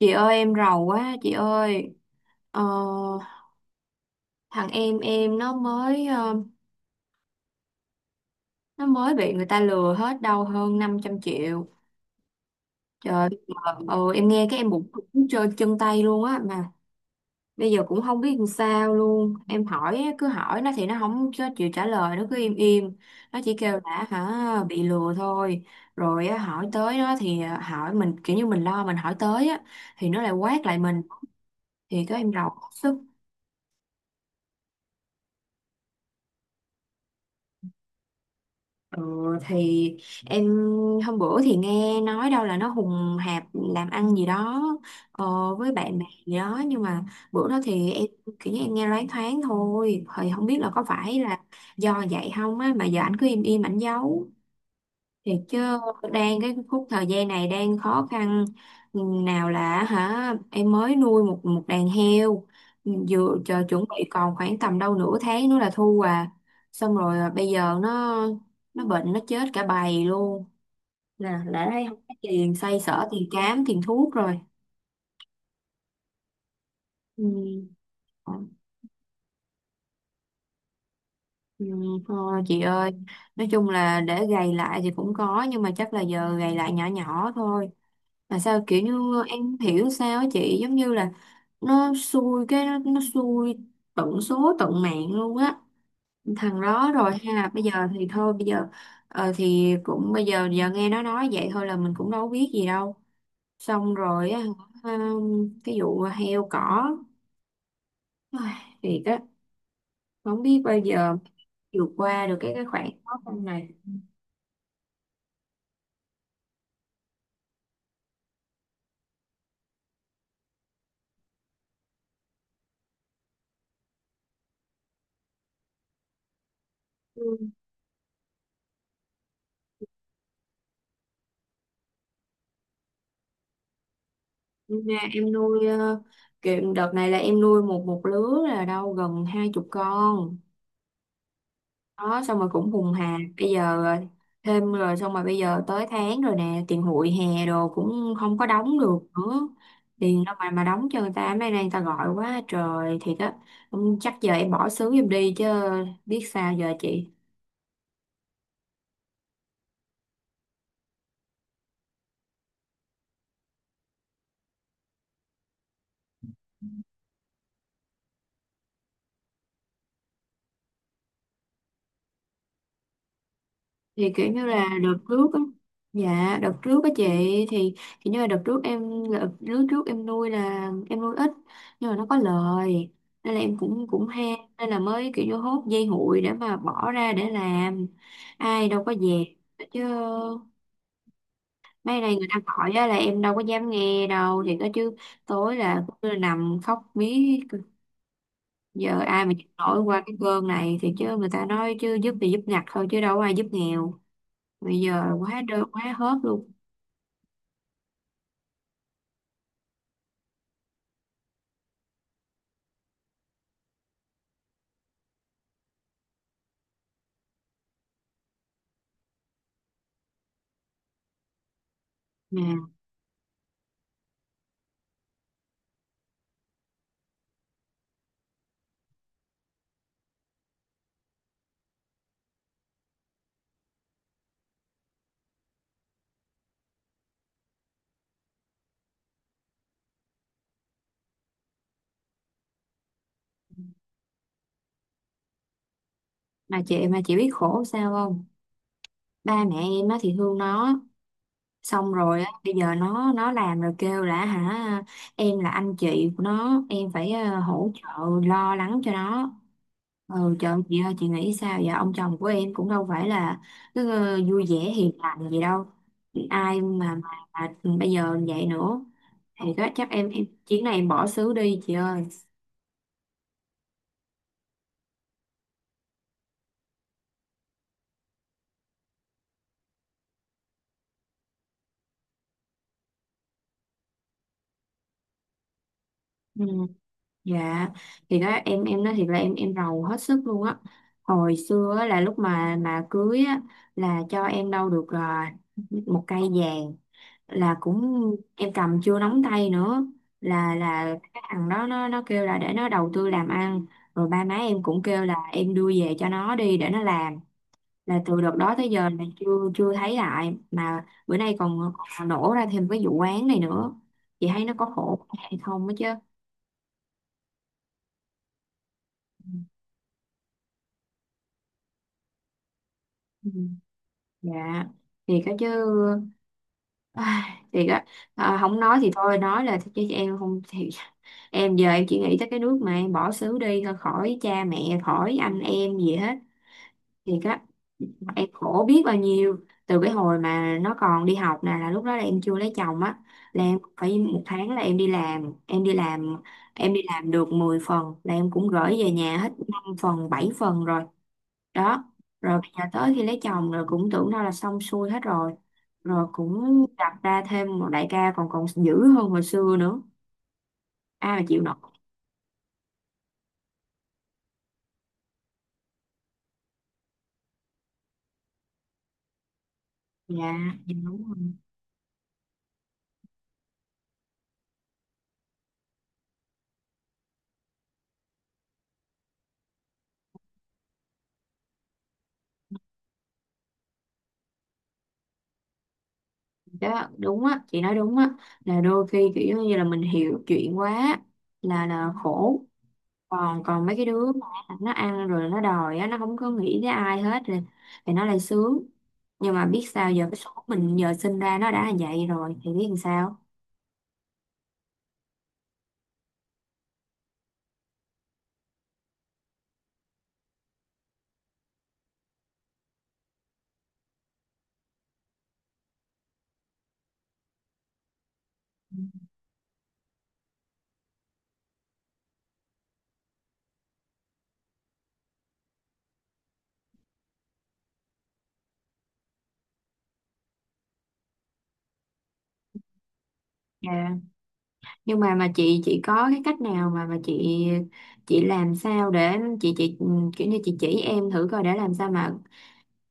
Chị ơi em rầu quá chị ơi, ờ, thằng em nó mới, nó mới bị người ta lừa hết đâu hơn 500 triệu. Trời. Em nghe cái em bụng trơn chân tay luôn á, mà bây giờ cũng không biết làm sao luôn. Em hỏi á, cứ hỏi nó thì nó không có chịu trả lời, nó cứ im im. Nó chỉ kêu là hả bị lừa thôi. Rồi á, hỏi tới nó thì, hỏi mình kiểu như mình lo mình hỏi tới á thì nó lại quát lại mình, thì có em rầu bức xúc. Ờ, thì em hôm bữa thì nghe nói đâu là nó hùng hạp làm ăn gì đó, ờ, với bạn bè gì đó, nhưng mà bữa đó thì em kiểu như em nghe loáng thoáng thôi, thì không biết là có phải là do vậy không á, mà giờ ảnh cứ im im ảnh giấu. Thiệt chứ. Đang cái khúc thời gian này đang khó khăn. Ừ, nào là hả em mới nuôi một một đàn heo, ừ, vừa chờ chuẩn bị còn khoảng tầm đâu nửa tháng nữa là thu à, xong rồi à, bây giờ nó bệnh nó chết cả bầy luôn nè, đã thấy không có tiền xoay sở tiền cám tiền thuốc rồi. Ừ. Ờ. Ừ. Thôi chị ơi, nói chung là để gầy lại thì cũng có nhưng mà chắc là giờ gầy lại nhỏ nhỏ thôi. Mà sao kiểu như em không hiểu sao á chị, giống như là nó xui cái nó xui tận số tận mạng luôn á thằng đó, rồi hay là bây giờ thì thôi bây giờ, thì cũng bây giờ giờ nghe nó nói vậy thôi là mình cũng đâu biết gì đâu, xong rồi á, cái vụ heo cỏ. Ai, thiệt á. Không biết bao giờ vượt qua được cái khoảng khó khăn này. Ừ. Nhưng mà em nuôi, kiểu đợt này là em nuôi một một lứa là đâu gần hai chục con đó, xong rồi cũng vùng hà bây giờ, thêm rồi xong rồi bây giờ tới tháng rồi nè, tiền hụi hè đồ cũng không có đóng được nữa. Tiền đâu mà đóng cho người ta, mấy nay người ta gọi quá trời, thiệt á. Chắc giờ em bỏ xứ giùm đi chứ biết sao giờ chị. Thì kiểu như là đợt trước á, dạ đợt trước á chị, thì kiểu như là đợt trước em, đợt trước trước em nuôi là em nuôi ít nhưng mà nó có lời, nên là em cũng cũng ham nên là mới kiểu như hốt dây hụi để mà bỏ ra để làm, ai đâu có dẹp chứ. Mấy này người ta gọi á là em đâu có dám nghe đâu, thì có chứ, tối là cứ nằm khóc mí. Giờ ai mà chịu nổi qua cái cơn này thì chứ, người ta nói chứ giúp thì giúp ngặt thôi chứ đâu có ai giúp nghèo, bây giờ quá đơ quá hớt luôn. Mà mà chị mà Chị biết khổ sao không, ba mẹ em á thì thương nó, xong rồi á bây giờ nó làm rồi kêu là hả em là anh chị của nó em phải, hỗ trợ lo lắng cho nó. Ừ trời ơi chị nghĩ sao vậy, ông chồng của em cũng đâu phải là cứ, vui vẻ hiền lành gì đâu, ai mà, bây giờ vậy nữa thì chắc em chuyến này em bỏ xứ đi chị ơi. Ừ. Dạ thì đó em nói thiệt là em rầu hết sức luôn á. Hồi xưa á, là lúc mà cưới á là cho em đâu được, 1 cây vàng là cũng em cầm chưa nóng tay nữa, là cái thằng đó nó kêu là để nó đầu tư làm ăn, rồi ba má em cũng kêu là em đưa về cho nó đi để nó làm, là từ đợt đó tới giờ là chưa chưa thấy lại mà bữa nay còn, còn nổ ra thêm cái vụ án này nữa, chị thấy nó có khổ hay không á chứ. Ừ. Dạ thiệt á chứ. Ai, thiệt á. À, không nói thì thôi nói là chứ em không thì em giờ em chỉ nghĩ tới cái nước mà em bỏ xứ đi thôi, khỏi cha mẹ khỏi anh em gì hết, thiệt á. Em khổ biết bao nhiêu. Từ cái hồi mà nó còn đi học nè là lúc đó là em chưa lấy chồng á, là em phải 1 tháng là em đi làm em đi làm em đi làm được 10 phần là em cũng gửi về nhà hết 5 phần 7 phần rồi đó. Rồi bây giờ tới khi lấy chồng rồi cũng tưởng đâu là xong xuôi hết rồi, rồi cũng đặt ra thêm một đại ca còn còn dữ hơn hồi xưa nữa, ai mà chịu nổi. Dạ. Dạ, đúng rồi. Đó đúng á, chị nói đúng á, là đôi khi kiểu giống như là mình hiểu chuyện quá là khổ. Còn còn mấy cái đứa mà nó ăn rồi nó đòi á, nó không có nghĩ tới ai hết rồi thì nó lại sướng. Nhưng mà biết sao giờ, cái số mình giờ sinh ra nó đã là vậy rồi thì biết làm sao. Dạ, nhưng mà chị có cái cách nào mà chị làm sao để chị kiểu như chị chỉ em thử coi để làm sao mà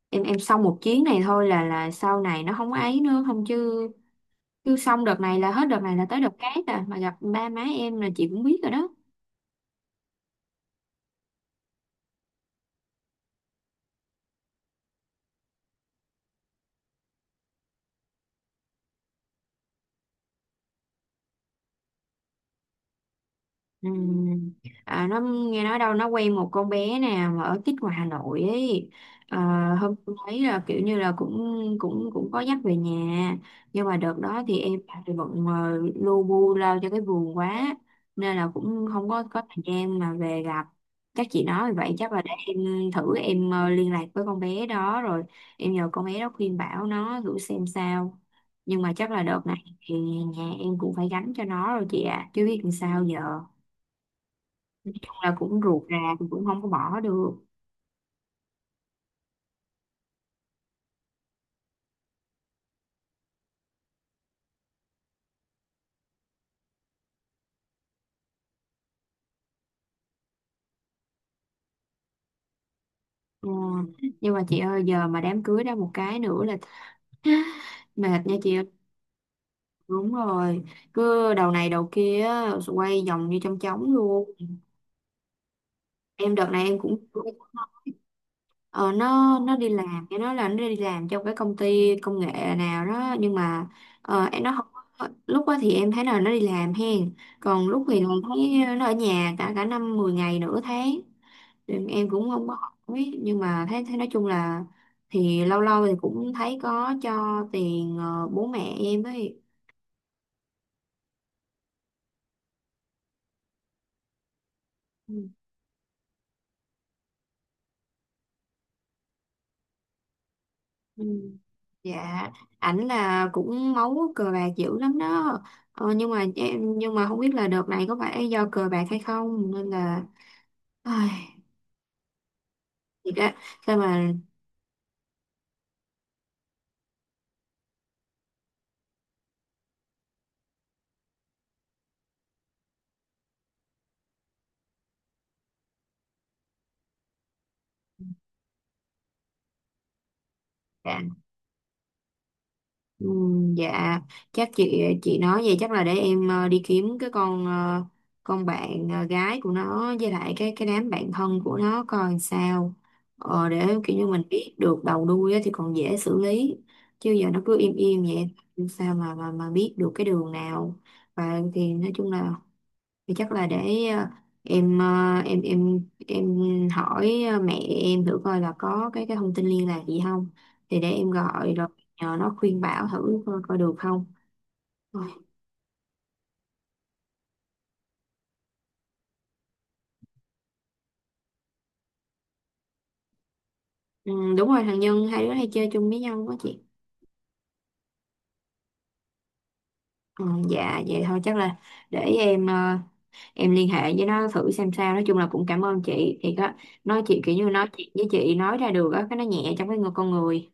em xong một chuyến này thôi là sau này nó không ấy nữa không chứ, cứ xong đợt này là hết đợt này là tới đợt khác à, mà gặp ba má em là chị cũng biết rồi đó. Ừ. À, nó nghe nói đâu nó quen một con bé nè mà ở tít ngoài Hà Nội ấy, à, hôm tôi thấy là kiểu như là cũng cũng cũng có dắt về nhà, nhưng mà đợt đó thì em thì bận, lu bu lao cho cái vườn quá nên là cũng không có có thời gian mà về gặp. Các chị nói vậy chắc là để em thử em, liên lạc với con bé đó rồi em nhờ con bé đó khuyên bảo nó thử xem sao, nhưng mà chắc là đợt này thì nhà em cũng phải gánh cho nó rồi chị ạ, à chứ biết làm sao giờ. Nói chung là cũng ruột rà cũng cũng không có bỏ được. Ờ, nhưng mà chị ơi giờ mà đám cưới đó một cái nữa là mệt nha chị ơi. Đúng rồi, cứ đầu này đầu kia á, quay vòng như trong trống luôn. Em đợt này em cũng, ờ, nó đi làm cái nó là nó đi làm trong cái công ty công nghệ nào đó, nhưng mà em nó không lúc đó thì em thấy là nó đi làm hen, còn lúc thì còn thấy nó ở nhà cả cả năm 10 ngày nửa tháng. Em cũng không có hỏi nhưng mà thấy thấy nói chung là thì lâu lâu thì cũng thấy có cho tiền, bố mẹ em ấy. Ừ. Ừ, dạ. Ảnh là cũng máu cờ bạc dữ lắm đó, nhưng mà em nhưng mà không biết là đợt này có phải do cờ bạc hay không nên là, ai, thiệt á, sao mà. Dạ, ừ, dạ. Chắc chị nói vậy chắc là để em, đi kiếm cái con, con bạn, gái của nó với lại cái đám bạn thân của nó coi sao, để kiểu như mình biết được đầu đuôi á thì còn dễ xử lý, chứ giờ nó cứ im im vậy sao mà biết được cái đường nào. Và thì nói chung là thì chắc là để, em, em hỏi, mẹ em thử coi là có cái thông tin liên lạc gì không, thì để em gọi rồi nhờ nó khuyên bảo thử coi, coi được không. Rồi, ừ, đúng rồi thằng Nhân, hai đứa hay chơi chung với nhau quá chị. Ừ, dạ vậy thôi chắc là để em, em liên hệ với nó thử xem sao. Nói chung là cũng cảm ơn chị, thì có nói chị kiểu như nói chuyện với chị nói ra được á cái nó nhẹ trong cái người con người,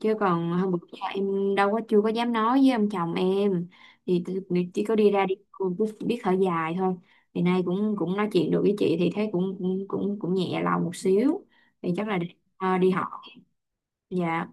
chứ còn hôm bữa giờ em đâu có chưa có dám nói với ông chồng em thì nghĩ chỉ có đi ra đi cô cứ biết thở dài thôi. Thì nay cũng cũng nói chuyện được với chị thì thấy cũng nhẹ lòng một xíu, thì chắc là đi, đi học. Dạ.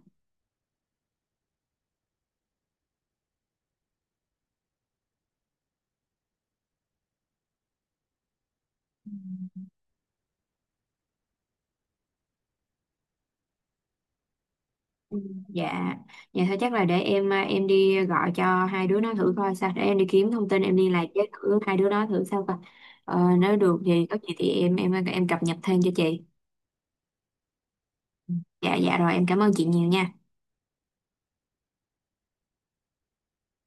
Ừ. Dạ, dạ thôi chắc là để em à, em đi gọi cho hai đứa nó thử coi sao, để em đi kiếm thông tin em liên lạc với thử hai đứa nó thử sao coi. Ờ, nếu được thì có gì thì em cập nhật thêm cho chị. Ừ. Dạ dạ rồi em cảm ơn chị nhiều nha.